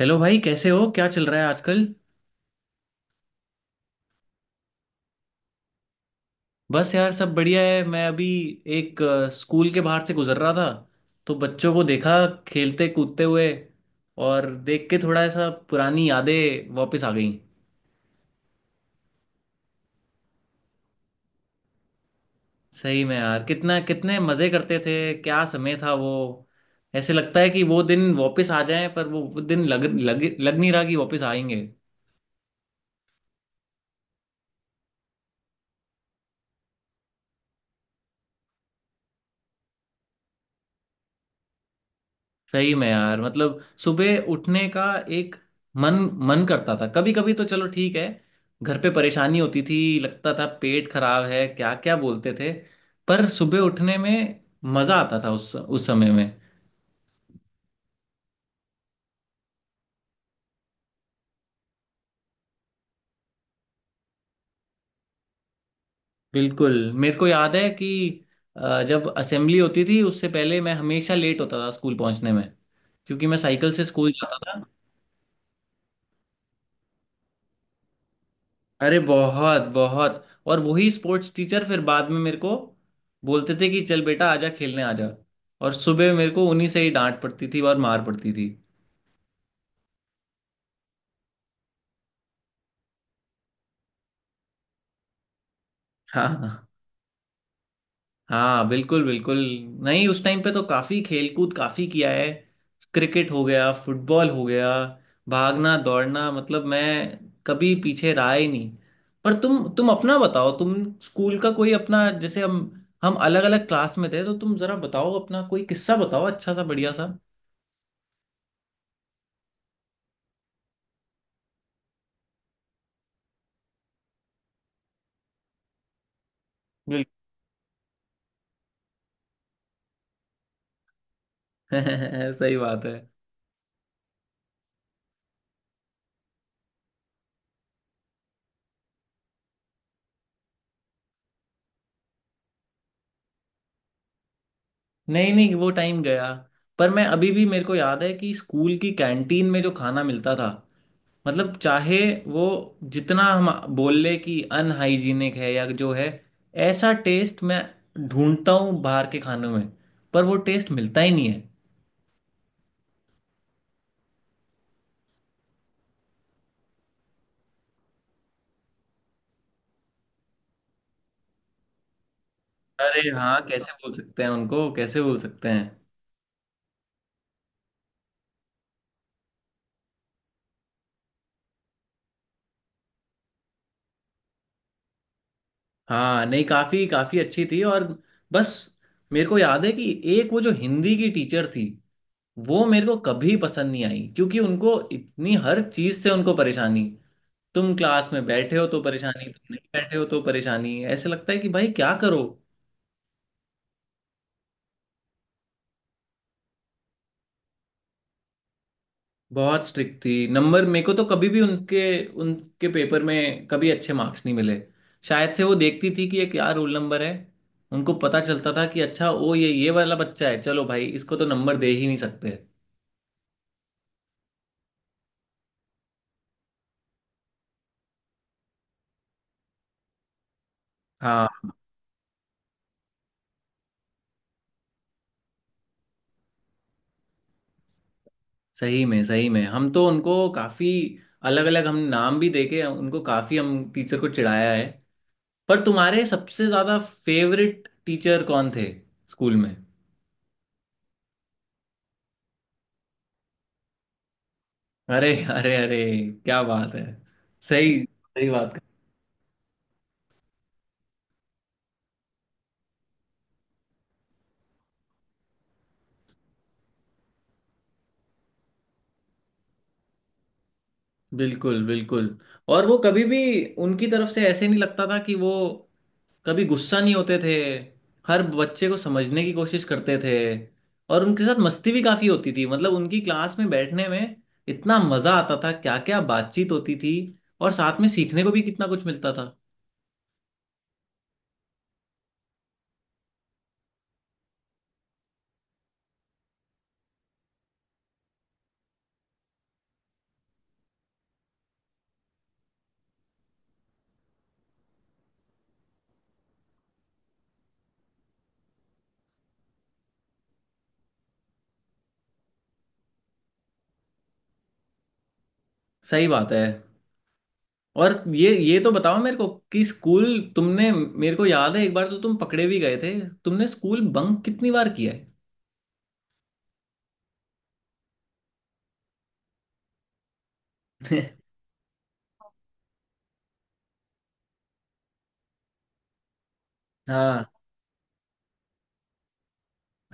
Hello भाई, कैसे हो? क्या चल रहा है आजकल? बस यार, सब बढ़िया है। मैं अभी एक स्कूल के बाहर से गुजर रहा था। तो बच्चों को देखा खेलते कूदते हुए, और देख के थोड़ा ऐसा पुरानी यादें वापस आ गई सही में यार, कितना कितने मज़े करते थे। क्या समय था वो। ऐसे लगता है कि वो दिन वापस आ जाएं, पर वो दिन लग लग लग नहीं रहा कि वापस आएंगे। सही में यार, मतलब सुबह उठने का एक मन मन करता था। कभी कभी तो चलो ठीक है, घर पे परेशानी होती थी, लगता था पेट खराब है, क्या क्या बोलते थे। पर सुबह उठने में मजा आता था उस समय में। बिल्कुल। मेरे को याद है कि जब असेंबली होती थी उससे पहले मैं हमेशा लेट होता था स्कूल पहुंचने में, क्योंकि मैं साइकिल से स्कूल जाता था। अरे बहुत बहुत, और वही स्पोर्ट्स टीचर फिर बाद में मेरे को बोलते थे कि चल बेटा आजा खेलने आजा। और सुबह मेरे को उन्हीं से ही डांट पड़ती थी और मार पड़ती थी। हाँ, हाँ। बिल्कुल बिल्कुल। नहीं, उस टाइम पे तो काफी खेलकूद काफी किया है। क्रिकेट हो गया, फुटबॉल हो गया, भागना दौड़ना, मतलब मैं कभी पीछे रहा ही नहीं। पर तुम अपना बताओ, तुम स्कूल का कोई अपना, जैसे हम अलग अलग क्लास में थे तो तुम जरा बताओ अपना कोई किस्सा बताओ, अच्छा सा बढ़िया सा। बिल्कुल सही बात है। नहीं नहीं, वो टाइम गया। पर मैं अभी भी, मेरे को याद है कि स्कूल की कैंटीन में जो खाना मिलता था, मतलब चाहे वो जितना हम बोल ले कि अनहाइजीनिक है या जो है, ऐसा टेस्ट मैं ढूंढता हूँ बाहर के खानों में, पर वो टेस्ट मिलता ही नहीं है। अरे हाँ, कैसे बोल सकते हैं उनको, कैसे बोल सकते हैं। हाँ, नहीं, काफी काफी अच्छी थी। और बस, मेरे को याद है कि एक वो जो हिंदी की टीचर थी, वो मेरे को कभी पसंद नहीं आई, क्योंकि उनको इतनी हर चीज से उनको परेशानी। तुम क्लास में बैठे हो तो परेशानी, तुम नहीं बैठे हो तो परेशानी, ऐसे लगता है कि भाई क्या करो। बहुत स्ट्रिक्ट थी, नंबर मेरे को तो कभी भी उनके उनके पेपर में कभी अच्छे मार्क्स नहीं मिले। शायद से वो देखती थी कि ये क्या रोल नंबर है, उनको पता चलता था कि अच्छा, ओ ये वाला बच्चा है, चलो भाई इसको तो नंबर दे ही नहीं सकते। हाँ, सही में सही में, हम तो उनको काफी अलग अलग हम नाम भी देके उनको काफी हम टीचर को चिढ़ाया है। पर तुम्हारे सबसे ज्यादा फेवरेट टीचर कौन थे स्कूल में? अरे अरे अरे, क्या बात है! सही सही बात कर। बिल्कुल बिल्कुल। और वो कभी भी, उनकी तरफ से ऐसे नहीं लगता था कि वो कभी गुस्सा नहीं होते थे। हर बच्चे को समझने की कोशिश करते थे। और उनके साथ मस्ती भी काफी होती थी, मतलब उनकी क्लास में बैठने में इतना मजा आता था, क्या क्या बातचीत होती थी, और साथ में सीखने को भी कितना कुछ मिलता था। सही बात है। और ये तो बताओ मेरे को कि स्कूल, तुमने, मेरे को याद है एक बार तो तुम पकड़े भी गए थे, तुमने स्कूल बंक कितनी बार किया है? हाँ,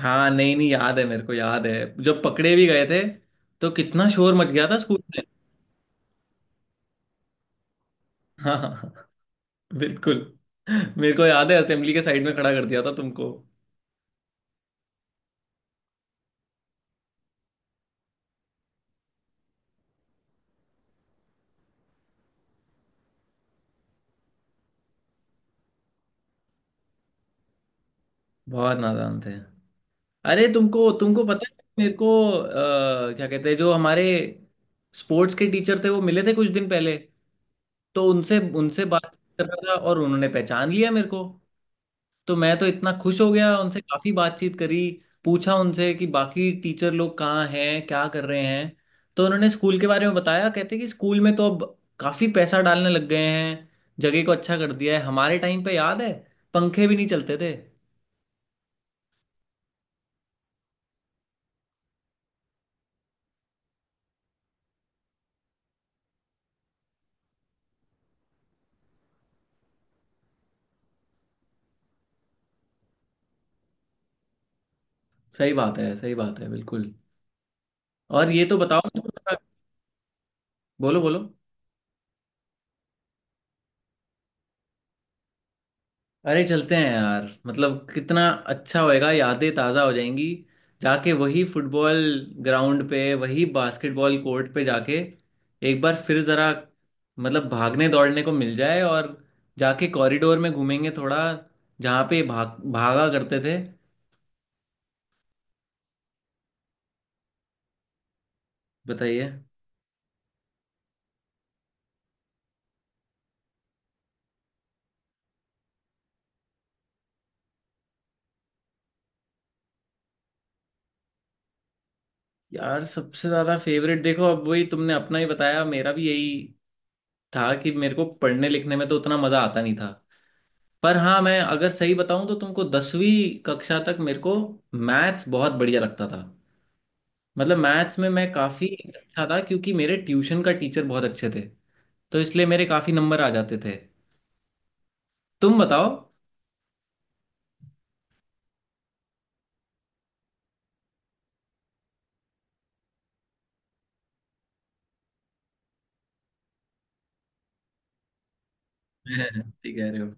हाँ। नहीं नहीं, याद है, मेरे को याद है जब पकड़े भी गए थे, तो कितना शोर मच गया था स्कूल में। हाँ हाँ। बिल्कुल। मेरे को याद है असेंबली के साइड में खड़ा कर दिया था तुमको। बहुत नादान थे। अरे तुमको तुमको पता है मेरे को, क्या कहते हैं, जो हमारे स्पोर्ट्स के टीचर थे, वो मिले थे कुछ दिन पहले, तो उनसे उनसे बात कर रहा था और उन्होंने पहचान लिया मेरे को, तो मैं तो इतना खुश हो गया, उनसे काफ़ी बातचीत करी। पूछा उनसे कि बाकी टीचर लोग कहाँ हैं, क्या कर रहे हैं, तो उन्होंने स्कूल के बारे में बताया कहते कि स्कूल में तो अब काफ़ी पैसा डालने लग गए हैं, जगह को अच्छा कर दिया है। हमारे टाइम पे याद है पंखे भी नहीं चलते थे। सही बात है, सही बात है, बिल्कुल। और ये तो बताओ। बोलो बोलो। अरे चलते हैं यार, मतलब कितना अच्छा होएगा, यादें ताज़ा हो जाएंगी। जाके वही फुटबॉल ग्राउंड पे, वही बास्केटबॉल कोर्ट पे जाके एक बार फिर ज़रा, मतलब भागने दौड़ने को मिल जाए, और जाके कॉरिडोर में घूमेंगे थोड़ा, जहाँ पे भाग भागा करते थे। बताइए। यार सबसे ज़्यादा फेवरेट, देखो अब वही तुमने अपना ही बताया, मेरा भी यही था कि मेरे को पढ़ने लिखने में तो उतना मज़ा आता नहीं था। पर हाँ, मैं अगर सही बताऊं तो तुमको, 10वीं कक्षा तक मेरे को मैथ्स बहुत बढ़िया लगता था, मतलब मैथ्स में मैं काफ़ी अच्छा था, क्योंकि मेरे ट्यूशन का टीचर बहुत अच्छे थे, तो इसलिए मेरे काफ़ी नंबर आ जाते थे। तुम बताओ। ठीक कह रहे हो।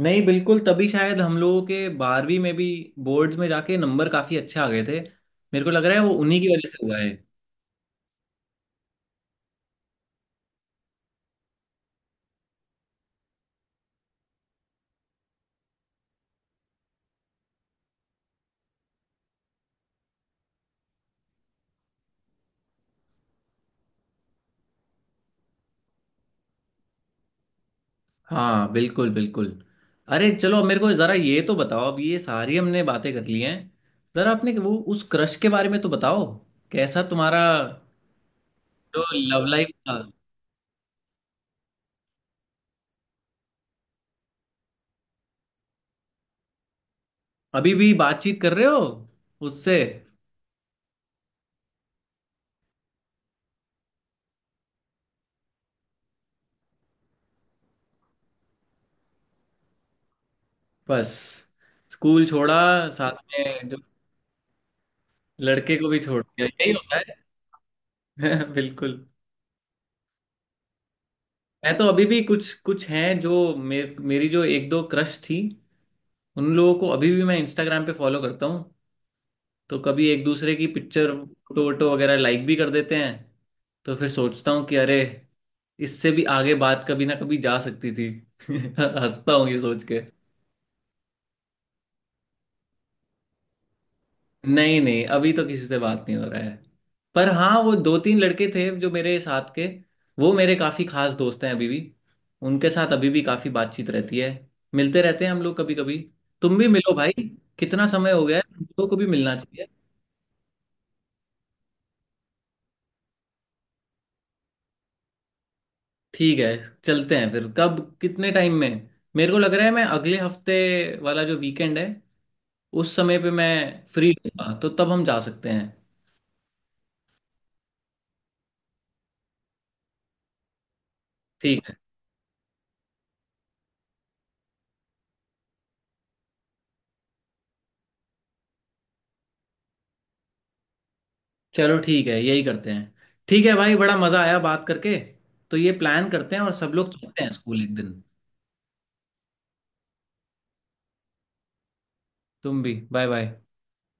नहीं बिल्कुल, तभी शायद हम लोगों के 12वीं में भी बोर्ड्स में जाके नंबर काफ़ी अच्छे आ गए थे, मेरे को लग रहा है वो उन्हीं की वजह से हुआ। हाँ, बिल्कुल बिल्कुल। अरे चलो, अब मेरे को जरा ये तो बताओ, अब ये सारी हमने बातें कर ली हैं, जरा आपने वो, उस क्रश के बारे में तो बताओ, कैसा तुम्हारा जो लव लाइफ था। अभी भी बातचीत कर रहे हो उससे? बस, स्कूल छोड़ा, साथ में जो लड़के को भी छोड़ दिया, यही होता है। बिल्कुल। मैं तो अभी भी, कुछ कुछ हैं जो मेरी जो एक दो क्रश थी, उन लोगों को अभी भी मैं इंस्टाग्राम पे फॉलो करता हूँ, तो कभी एक दूसरे की पिक्चर फोटो वोटो वगैरह लाइक भी कर देते हैं। तो फिर सोचता हूँ कि अरे, इससे भी आगे बात कभी ना कभी जा सकती थी। हंसता हूँ ये सोच के। नहीं नहीं, अभी तो किसी से बात नहीं हो रहा है। पर हाँ, वो दो तीन लड़के थे जो मेरे साथ के, वो मेरे काफ़ी खास दोस्त हैं अभी भी, उनके साथ अभी भी काफ़ी बातचीत रहती है, मिलते रहते हैं हम लोग कभी कभी। तुम भी मिलो भाई, कितना समय हो गया है, तुम लोगों को भी मिलना चाहिए। ठीक है। चलते हैं फिर, कब कितने टाइम में? मेरे को लग रहा है मैं अगले हफ्ते वाला जो वीकेंड है उस समय पे मैं फ्री हूँ, तो तब हम जा सकते हैं। ठीक है। चलो ठीक है, यही करते हैं। ठीक है भाई, बड़ा मज़ा आया बात करके, तो ये प्लान करते हैं और सब लोग चलते हैं स्कूल एक दिन। तुम भी बाय बाय।